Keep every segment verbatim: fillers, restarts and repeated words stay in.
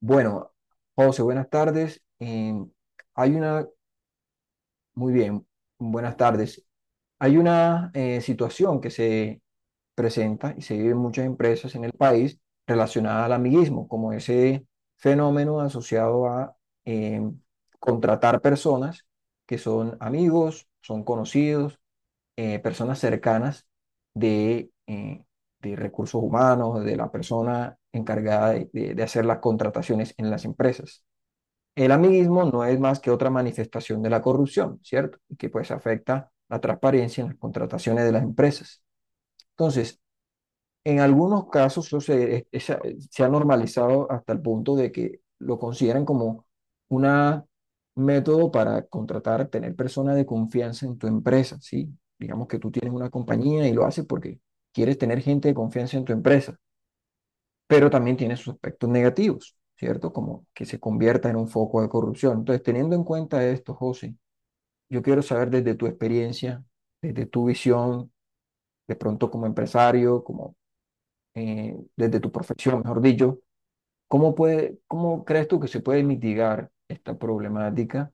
Bueno, José, buenas tardes. Em, hay una, muy bien, buenas tardes. Hay una eh, situación que se presenta y se vive en muchas empresas en el país relacionada al amiguismo, como ese fenómeno asociado a em, contratar personas que son amigos, son conocidos, eh, personas cercanas de, eh, de recursos humanos, de la persona encargada de de- de hacer las contrataciones en las empresas. El amiguismo no es más que otra manifestación de la corrupción, ¿cierto? Y que pues afecta la transparencia en las contrataciones de las empresas. Entonces, en algunos casos eso se, es- esa- se ha normalizado hasta el punto de que lo consideran como un método para contratar, tener personas de confianza en tu empresa, ¿sí? Digamos que tú tienes una compañía y lo haces porque quieres tener gente de confianza en tu empresa pero también tiene sus aspectos negativos, ¿cierto? Como que se convierta en un foco de corrupción. Entonces, teniendo en cuenta esto, José, yo quiero saber desde tu experiencia, desde tu visión, de pronto como empresario, como eh, desde tu profesión, mejor dicho, ¿cómo puede, cómo crees tú que se puede mitigar esta problemática,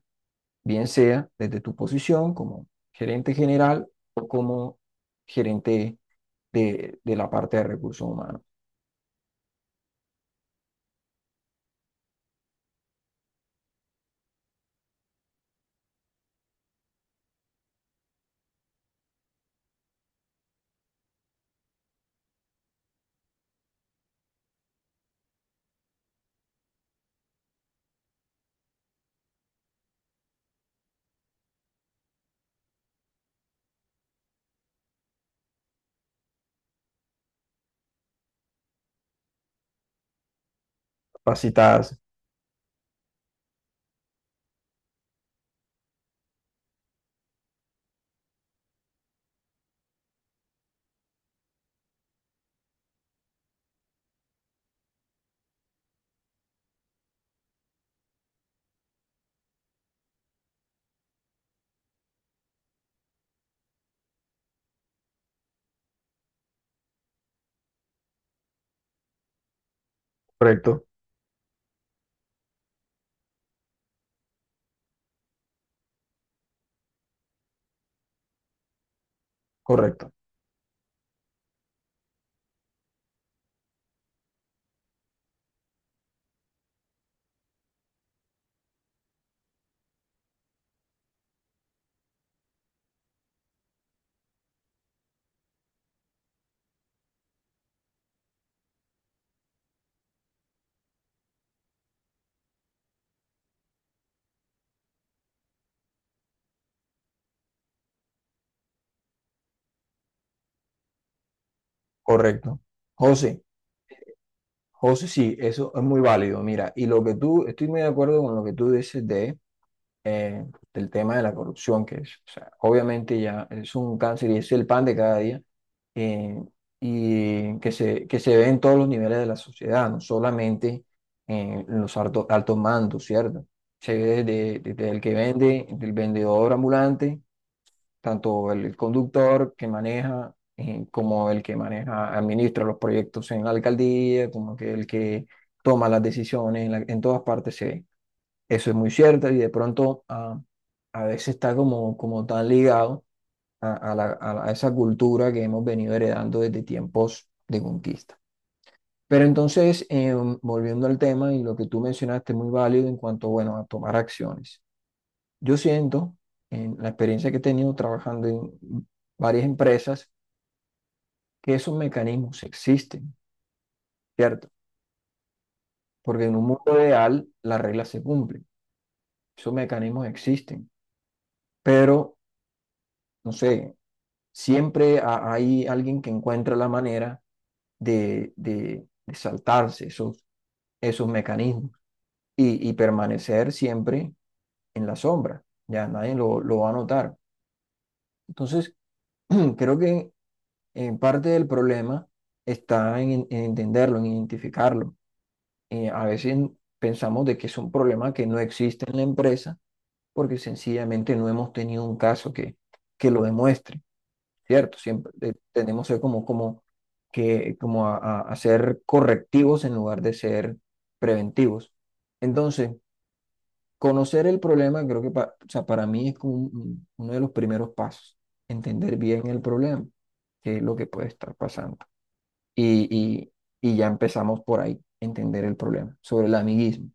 bien sea desde tu posición como gerente general o como gerente de, de la parte de recursos humanos? Capacitarse, correcto, correcto. Correcto. José, José, sí, eso es muy válido. Mira, y lo que tú, estoy muy de acuerdo con lo que tú dices de, eh, del tema de la corrupción, que es, o sea, obviamente ya es un cáncer y es el pan de cada día, eh, y que se, que se ve en todos los niveles de la sociedad, no solamente en los alto- altos mandos, ¿cierto? Se ve desde, desde el que vende, del vendedor ambulante tanto el conductor que maneja eh, como el que maneja, administra los proyectos en la alcaldía, como que el que toma las decisiones, en, la- en todas partes se ve. Eso es muy cierto y de pronto ah, a veces está como, como tan ligado a, a la- a la- a esa cultura que hemos venido heredando desde tiempos de conquista. Pero entonces, em, volviendo al tema y lo que tú mencionaste, muy válido en cuanto, bueno, a tomar acciones. Yo siento, en la experiencia que he tenido trabajando en varias empresas, que esos mecanismos existen, ¿cierto? Porque en un mundo ideal las reglas se cumplen, esos mecanismos existen, pero, no sé, siempre ha- hay alguien que encuentra la manera de, de- de saltarse esos, esos mecanismos y, y permanecer siempre en la sombra, ya nadie lo, lo va a notar. Entonces, creo que eh, parte del problema está en, en entenderlo, en identificarlo. Eh, a veces pensamos de que es un problema que no existe en la empresa porque sencillamente no hemos tenido un caso que, que lo demuestre, ¿cierto? Siempre eh, tenemos eh, como, como, que, como a, a- a ser correctivos en lugar de ser preventivos. Entonces, conocer el problema creo que pa- o sea, para mí es como un- un- uno de los primeros pasos, entender bien el problema, qué es lo que puede estar pasando y, y- y ya empezamos por ahí, entender el problema sobre el amiguismo.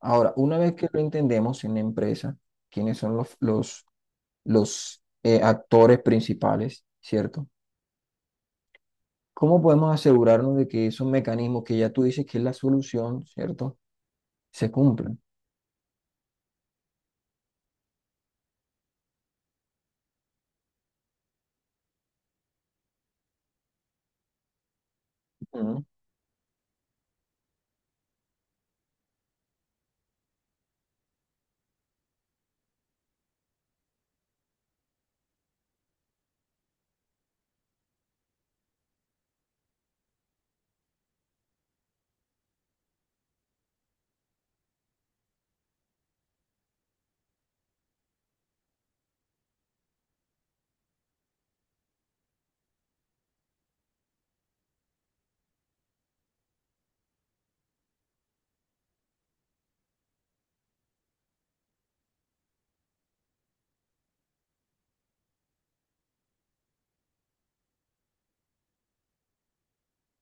Ahora, una vez que lo entendemos en la empresa, quiénes son los, los, los eh, actores principales, ¿cierto? ¿Cómo podemos asegurarnos de que esos mecanismos que ya tú dices que es la solución, ¿cierto? Se cumplan. Ujú.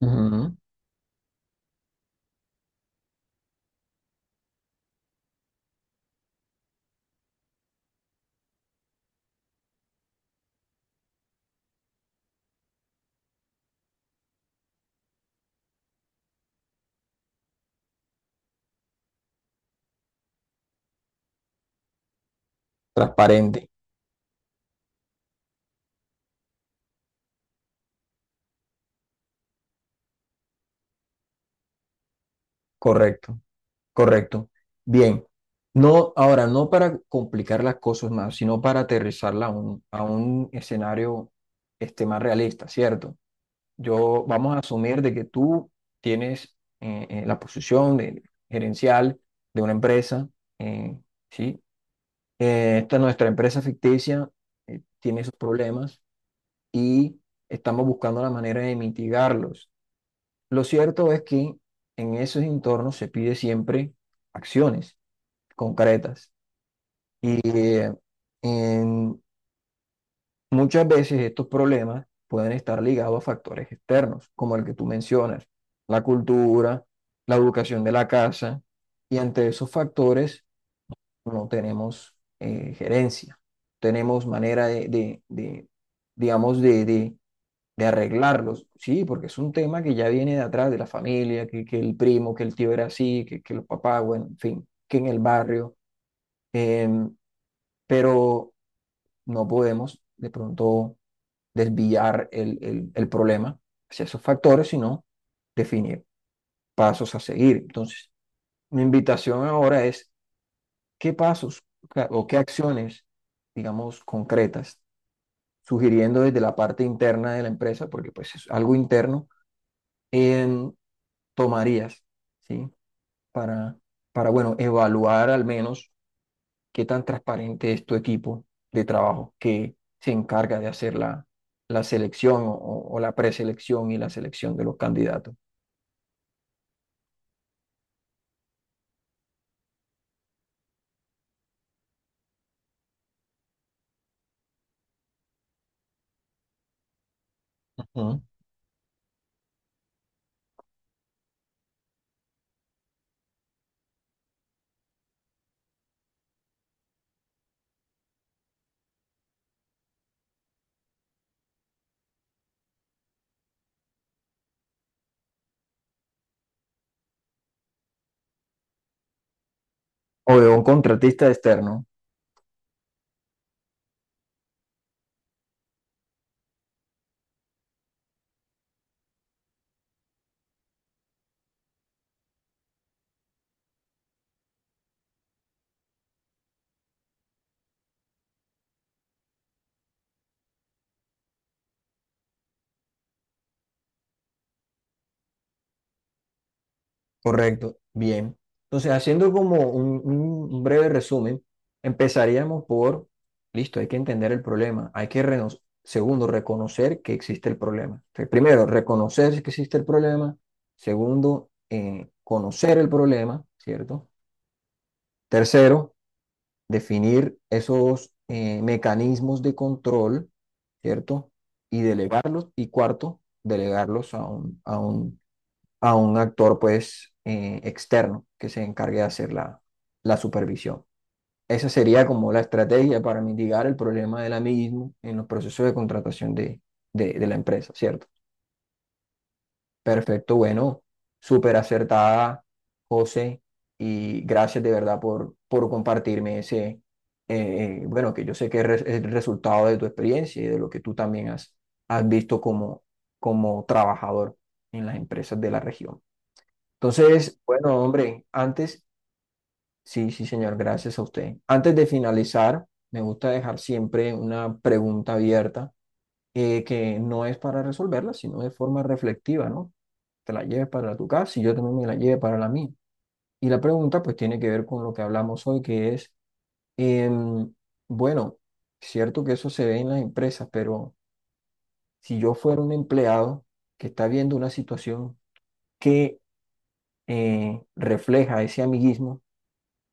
Ujú. Transparente, correcto. Correcto. Bien. No, ahora, no para complicar las cosas más, sino para aterrizarla a un, a un escenario este, más realista, ¿cierto? Yo, vamos a asumir de que tú tienes eh, eh, la posición de gerencial de una empresa, eh, ¿sí? Eh, esta nuestra empresa ficticia, eh, tiene esos problemas y estamos buscando la manera de mitigarlos. Lo cierto es que en esos entornos se pide siempre acciones concretas. Y eh, en- muchas veces estos problemas pueden estar ligados a factores externos, como el que tú mencionas, la cultura, la educación de la casa, y ante esos factores no tenemos eh, gerencia, tenemos manera de, de- de, digamos, de, de- de arreglarlos. Sí, porque es un tema que ya viene de atrás, de la familia, que, que el primo, que el tío era así, que, que los papás, bueno, en fin, que en el barrio. em, pero no podemos de pronto desviar el, el- el problema hacia esos factores, sino definir pasos a seguir. Entonces, mi invitación ahora es qué pasos o qué acciones, digamos, concretas, sugiriendo desde la parte interna de la empresa, porque pues es algo interno, en tomarías, ¿sí? Para, para, bueno, evaluar al menos qué tan transparente es tu equipo de trabajo que se encarga de hacer la, la selección o, o- o la preselección y la selección de los candidatos. Ujú. O de un contratista externo. Correcto, bien. Entonces, haciendo como un, un- un breve resumen, empezaríamos por, listo, hay que entender el problema, hay que, reno- segundo, reconocer que existe el problema. Entonces, primero, reconocer que existe el problema. Segundo, eh, conocer el problema, ¿cierto? Tercero, definir esos eh, mecanismos de control, ¿cierto? Y delegarlos. Y cuarto, delegarlos a un, a un, a un actor, pues, eh, externo que se encargue de hacer la, la supervisión. Esa sería como la estrategia para mitigar el problema del amiguismo en los procesos de contratación de, de, de la empresa, ¿cierto? Perfecto, bueno, súper acertada, José, y gracias de verdad por, por compartirme ese, eh, eh, bueno, que yo sé que es re- es el resultado de tu experiencia y de lo que tú también has, has visto como, como trabajador en las empresas de la región. Entonces, bueno, hombre, antes, sí, sí, señor, gracias a usted. Antes de finalizar, me gusta dejar siempre una pregunta abierta, eh, que no es para resolverla, sino de forma reflexiva, ¿no? Te la lleves para tu casa y yo también me la lleve para la mía. Y la pregunta pues tiene que ver con lo que hablamos hoy, que es, em, bueno, cierto que eso se ve en las empresas, pero si yo fuera un empleado que está viendo una situación que eh, refleja ese amiguismo,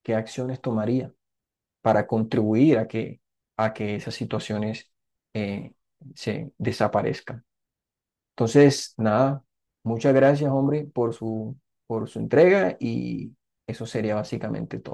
¿qué acciones tomaría para contribuir a que, a que esas situaciones eh, se desaparezcan? Entonces, nada, muchas gracias, hombre, por su, por su entrega y eso sería básicamente todo.